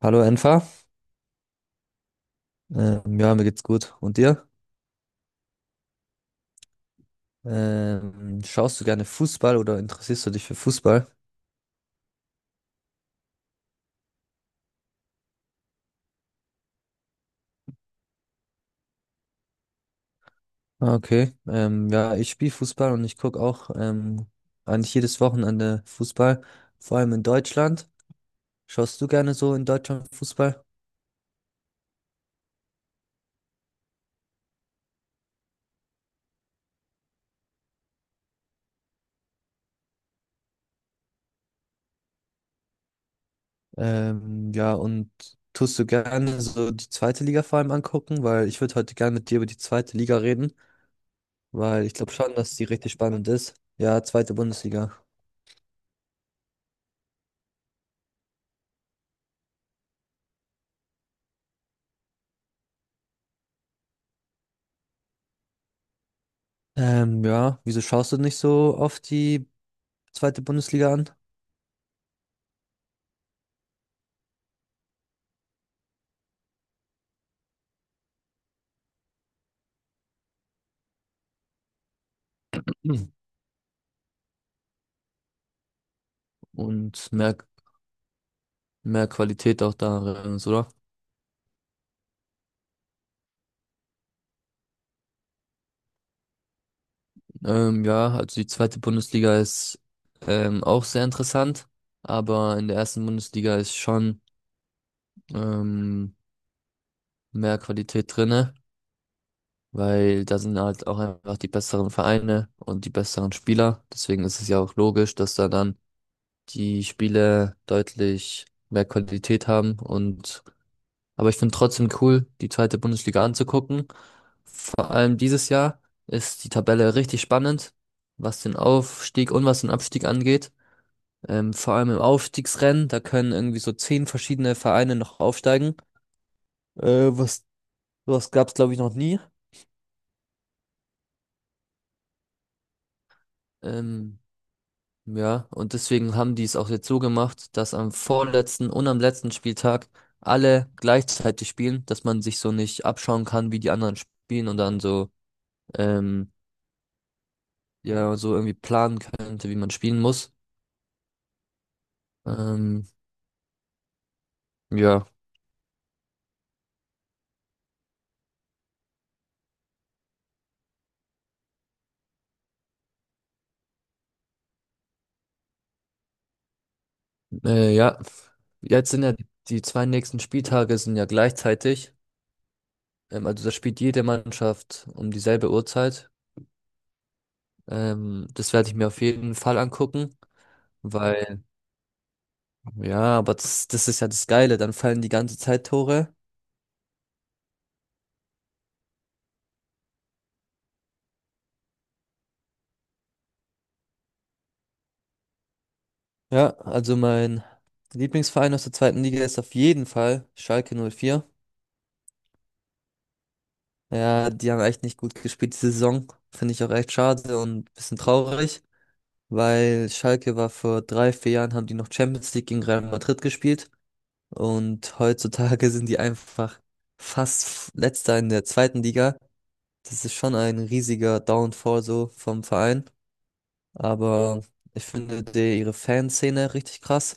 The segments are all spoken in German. Hallo Enfa. Ja, mir geht's gut. Und dir? Schaust du gerne Fußball oder interessierst du dich für Fußball? Ah, okay. Ja, ich spiele Fußball und ich gucke auch eigentlich jedes Wochenende Fußball, vor allem in Deutschland. Schaust du gerne so in Deutschland Fußball? Ja, und tust du gerne so die zweite Liga vor allem angucken? Weil ich würde heute gerne mit dir über die zweite Liga reden, weil ich glaube schon, dass die richtig spannend ist. Ja, zweite Bundesliga. Ja, wieso schaust du nicht so oft die zweite Bundesliga an? Hm. Und mehr Qualität auch darin, ist, oder? Ja, also die zweite Bundesliga ist auch sehr interessant, aber in der ersten Bundesliga ist schon ähm, mehr Qualität drinne, weil da sind halt auch einfach die besseren Vereine und die besseren Spieler. Deswegen ist es ja auch logisch, dass da dann die Spiele deutlich mehr Qualität haben und aber ich finde trotzdem cool, die zweite Bundesliga anzugucken. Vor allem dieses Jahr ist die Tabelle richtig spannend, was den Aufstieg und was den Abstieg angeht. Vor allem im Aufstiegsrennen, da können irgendwie so zehn verschiedene Vereine noch aufsteigen. Äh, was, Was gab's, glaube ich, noch nie. Ähm, ja, und deswegen haben die es auch jetzt so gemacht, dass am vorletzten und am letzten Spieltag alle gleichzeitig spielen, dass man sich so nicht abschauen kann, wie die anderen spielen und dann so ähm, ja, so irgendwie planen könnte, wie man spielen muss. Ähm, ja, ja. Jetzt sind ja die zwei nächsten Spieltage sind ja gleichzeitig. Also da spielt jede Mannschaft um dieselbe Uhrzeit. Das werde ich mir auf jeden Fall angucken, weil ja, aber das ist ja das Geile. Dann fallen die ganze Zeit Tore. Ja, also mein Lieblingsverein aus der zweiten Liga ist auf jeden Fall Schalke 04. Ja, die haben echt nicht gut gespielt diese Saison. Finde ich auch echt schade und ein bisschen traurig. Weil Schalke war vor drei, vier Jahren, haben die noch Champions League gegen Real Madrid gespielt und heutzutage sind die einfach fast letzter in der zweiten Liga. Das ist schon ein riesiger Downfall so vom Verein, aber ich finde ihre Fanszene richtig krass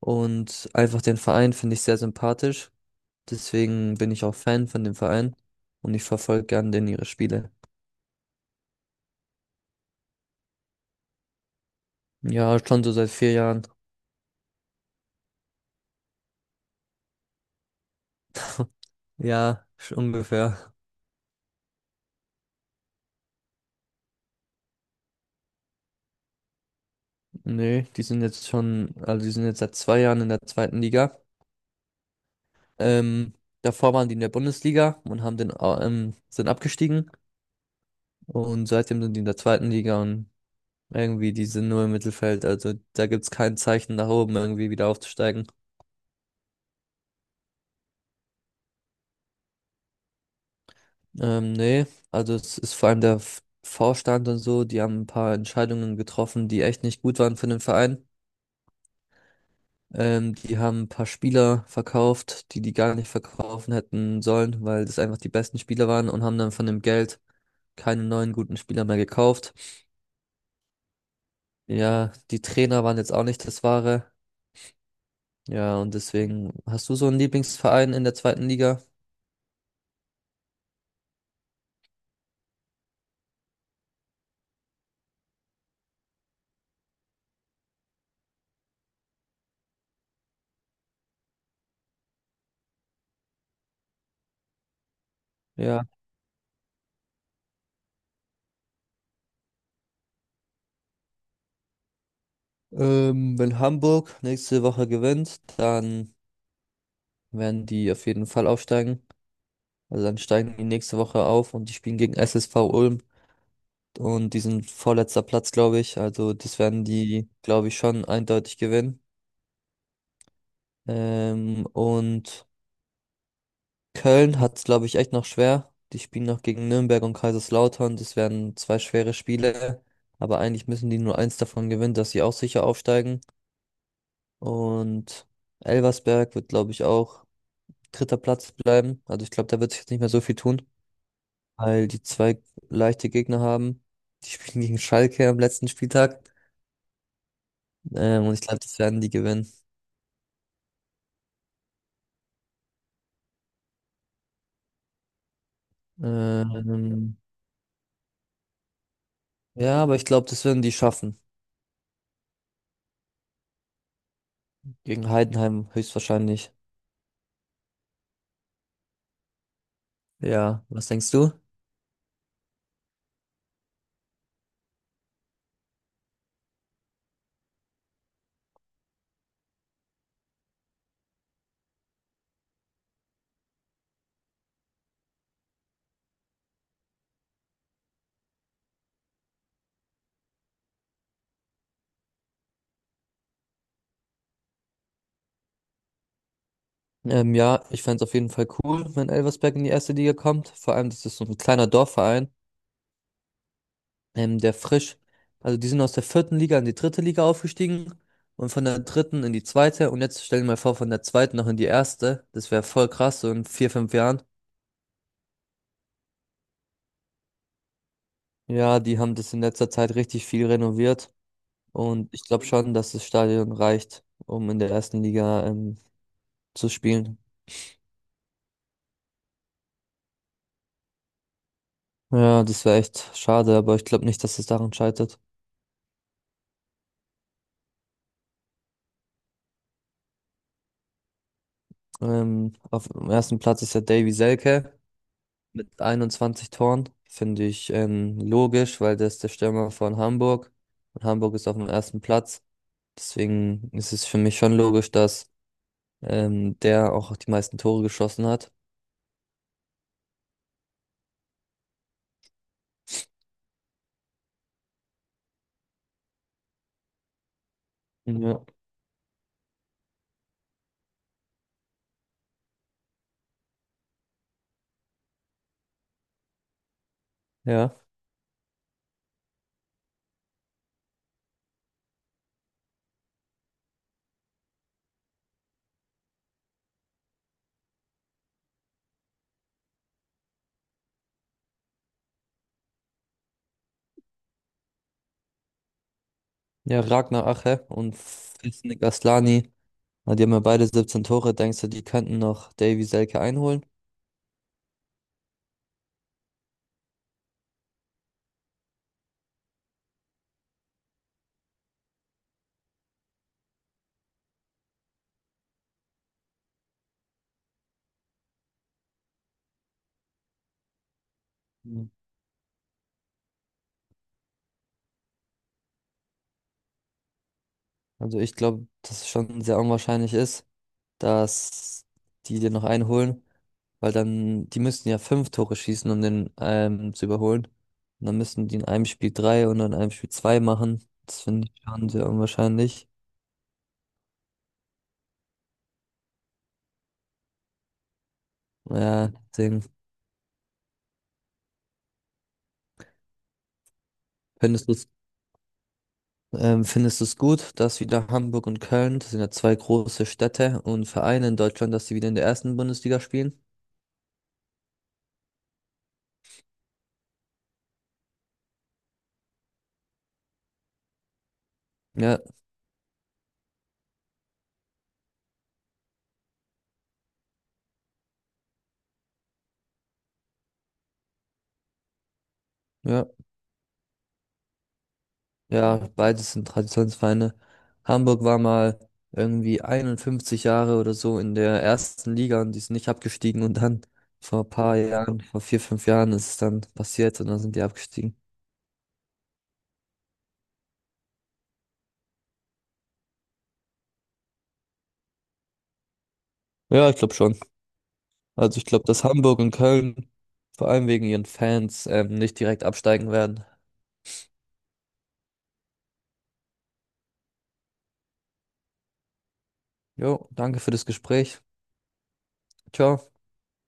und einfach den Verein finde ich sehr sympathisch. Deswegen bin ich auch Fan von dem Verein und ich verfolge gern den ihre Spiele. Ja, schon so seit vier Jahren. Ja, ungefähr. Nee, die sind jetzt seit zwei Jahren in der zweiten Liga. Ähm, Davor waren die in der Bundesliga und haben sind abgestiegen. Und seitdem sind die in der zweiten Liga und irgendwie, die sind nur im Mittelfeld. Also da gibt's kein Zeichen nach oben, irgendwie wieder aufzusteigen. Also es ist vor allem der Vorstand und so, die haben ein paar Entscheidungen getroffen, die echt nicht gut waren für den Verein. Die haben ein paar Spieler verkauft, die gar nicht verkaufen hätten sollen, weil das einfach die besten Spieler waren und haben dann von dem Geld keine neuen guten Spieler mehr gekauft. Ja, die Trainer waren jetzt auch nicht das Wahre. Ja, und deswegen hast du so einen Lieblingsverein in der zweiten Liga? Ja. Wenn Hamburg nächste Woche gewinnt, dann werden die auf jeden Fall aufsteigen. Also dann steigen die nächste Woche auf und die spielen gegen SSV Ulm. Und die sind vorletzter Platz, glaube ich. Also das werden die, glaube ich, schon eindeutig gewinnen. Und Köln hat es, glaube ich, echt noch schwer. Die spielen noch gegen Nürnberg und Kaiserslautern. Das werden zwei schwere Spiele. Aber eigentlich müssen die nur eins davon gewinnen, dass sie auch sicher aufsteigen. Und Elversberg wird, glaube ich, auch dritter Platz bleiben. Also ich glaube, da wird sich jetzt nicht mehr so viel tun, weil die zwei leichte Gegner haben. Die spielen gegen Schalke am letzten Spieltag. Und ich glaube, das werden die gewinnen. Ähm, ja, aber ich glaube, das werden die schaffen. Gegen Heidenheim höchstwahrscheinlich. Ja, was denkst du? Ja, ich fänd's auf jeden Fall cool, wenn Elversberg in die erste Liga kommt. Vor allem, das ist so ein kleiner Dorfverein, ähm, der frisch, also die sind aus der vierten Liga in die dritte Liga aufgestiegen und von der dritten in die zweite und jetzt stellen wir mal vor, von der zweiten noch in die erste. Das wäre voll krass, so in vier, fünf Jahren. Ja, die haben das in letzter Zeit richtig viel renoviert und ich glaube schon, dass das Stadion reicht, um in der ersten Liga zu spielen. Ja, das wäre echt schade, aber ich glaube nicht, dass es daran scheitert. Auf dem ersten Platz ist ja Davy Selke mit 21 Toren. Finde ich logisch, weil der ist der Stürmer von Hamburg und Hamburg ist auf dem ersten Platz. Deswegen ist es für mich schon logisch, dass der auch die meisten Tore geschossen hat. Ja. Ja, ja, Ragnar Ache und Fisnik Aslani, na, die haben ja beide 17 Tore. Denkst du, die könnten noch Davy Selke einholen? Also ich glaube, dass es schon sehr unwahrscheinlich ist, dass die dir noch einholen, weil dann, die müssten ja 5 Tore schießen, um den zu überholen. Und dann müssten die in einem Spiel drei und in einem Spiel zwei machen. Das finde ich schon sehr unwahrscheinlich. Ja, deswegen findest du es gut, dass wieder Hamburg und Köln, das sind ja zwei große Städte und Vereine in Deutschland, dass sie wieder in der ersten Bundesliga spielen? Ja, ja. Ja, beides sind Traditionsvereine. Hamburg war mal irgendwie 51 Jahre oder so in der ersten Liga und die sind nicht abgestiegen und dann vor ein paar Jahren, vor vier, fünf Jahren ist es dann passiert und dann sind die abgestiegen. Ja, ich glaube schon. Also ich glaube, dass Hamburg und Köln vor allem wegen ihren Fans nicht direkt absteigen werden. Jo, danke für das Gespräch. Ciao.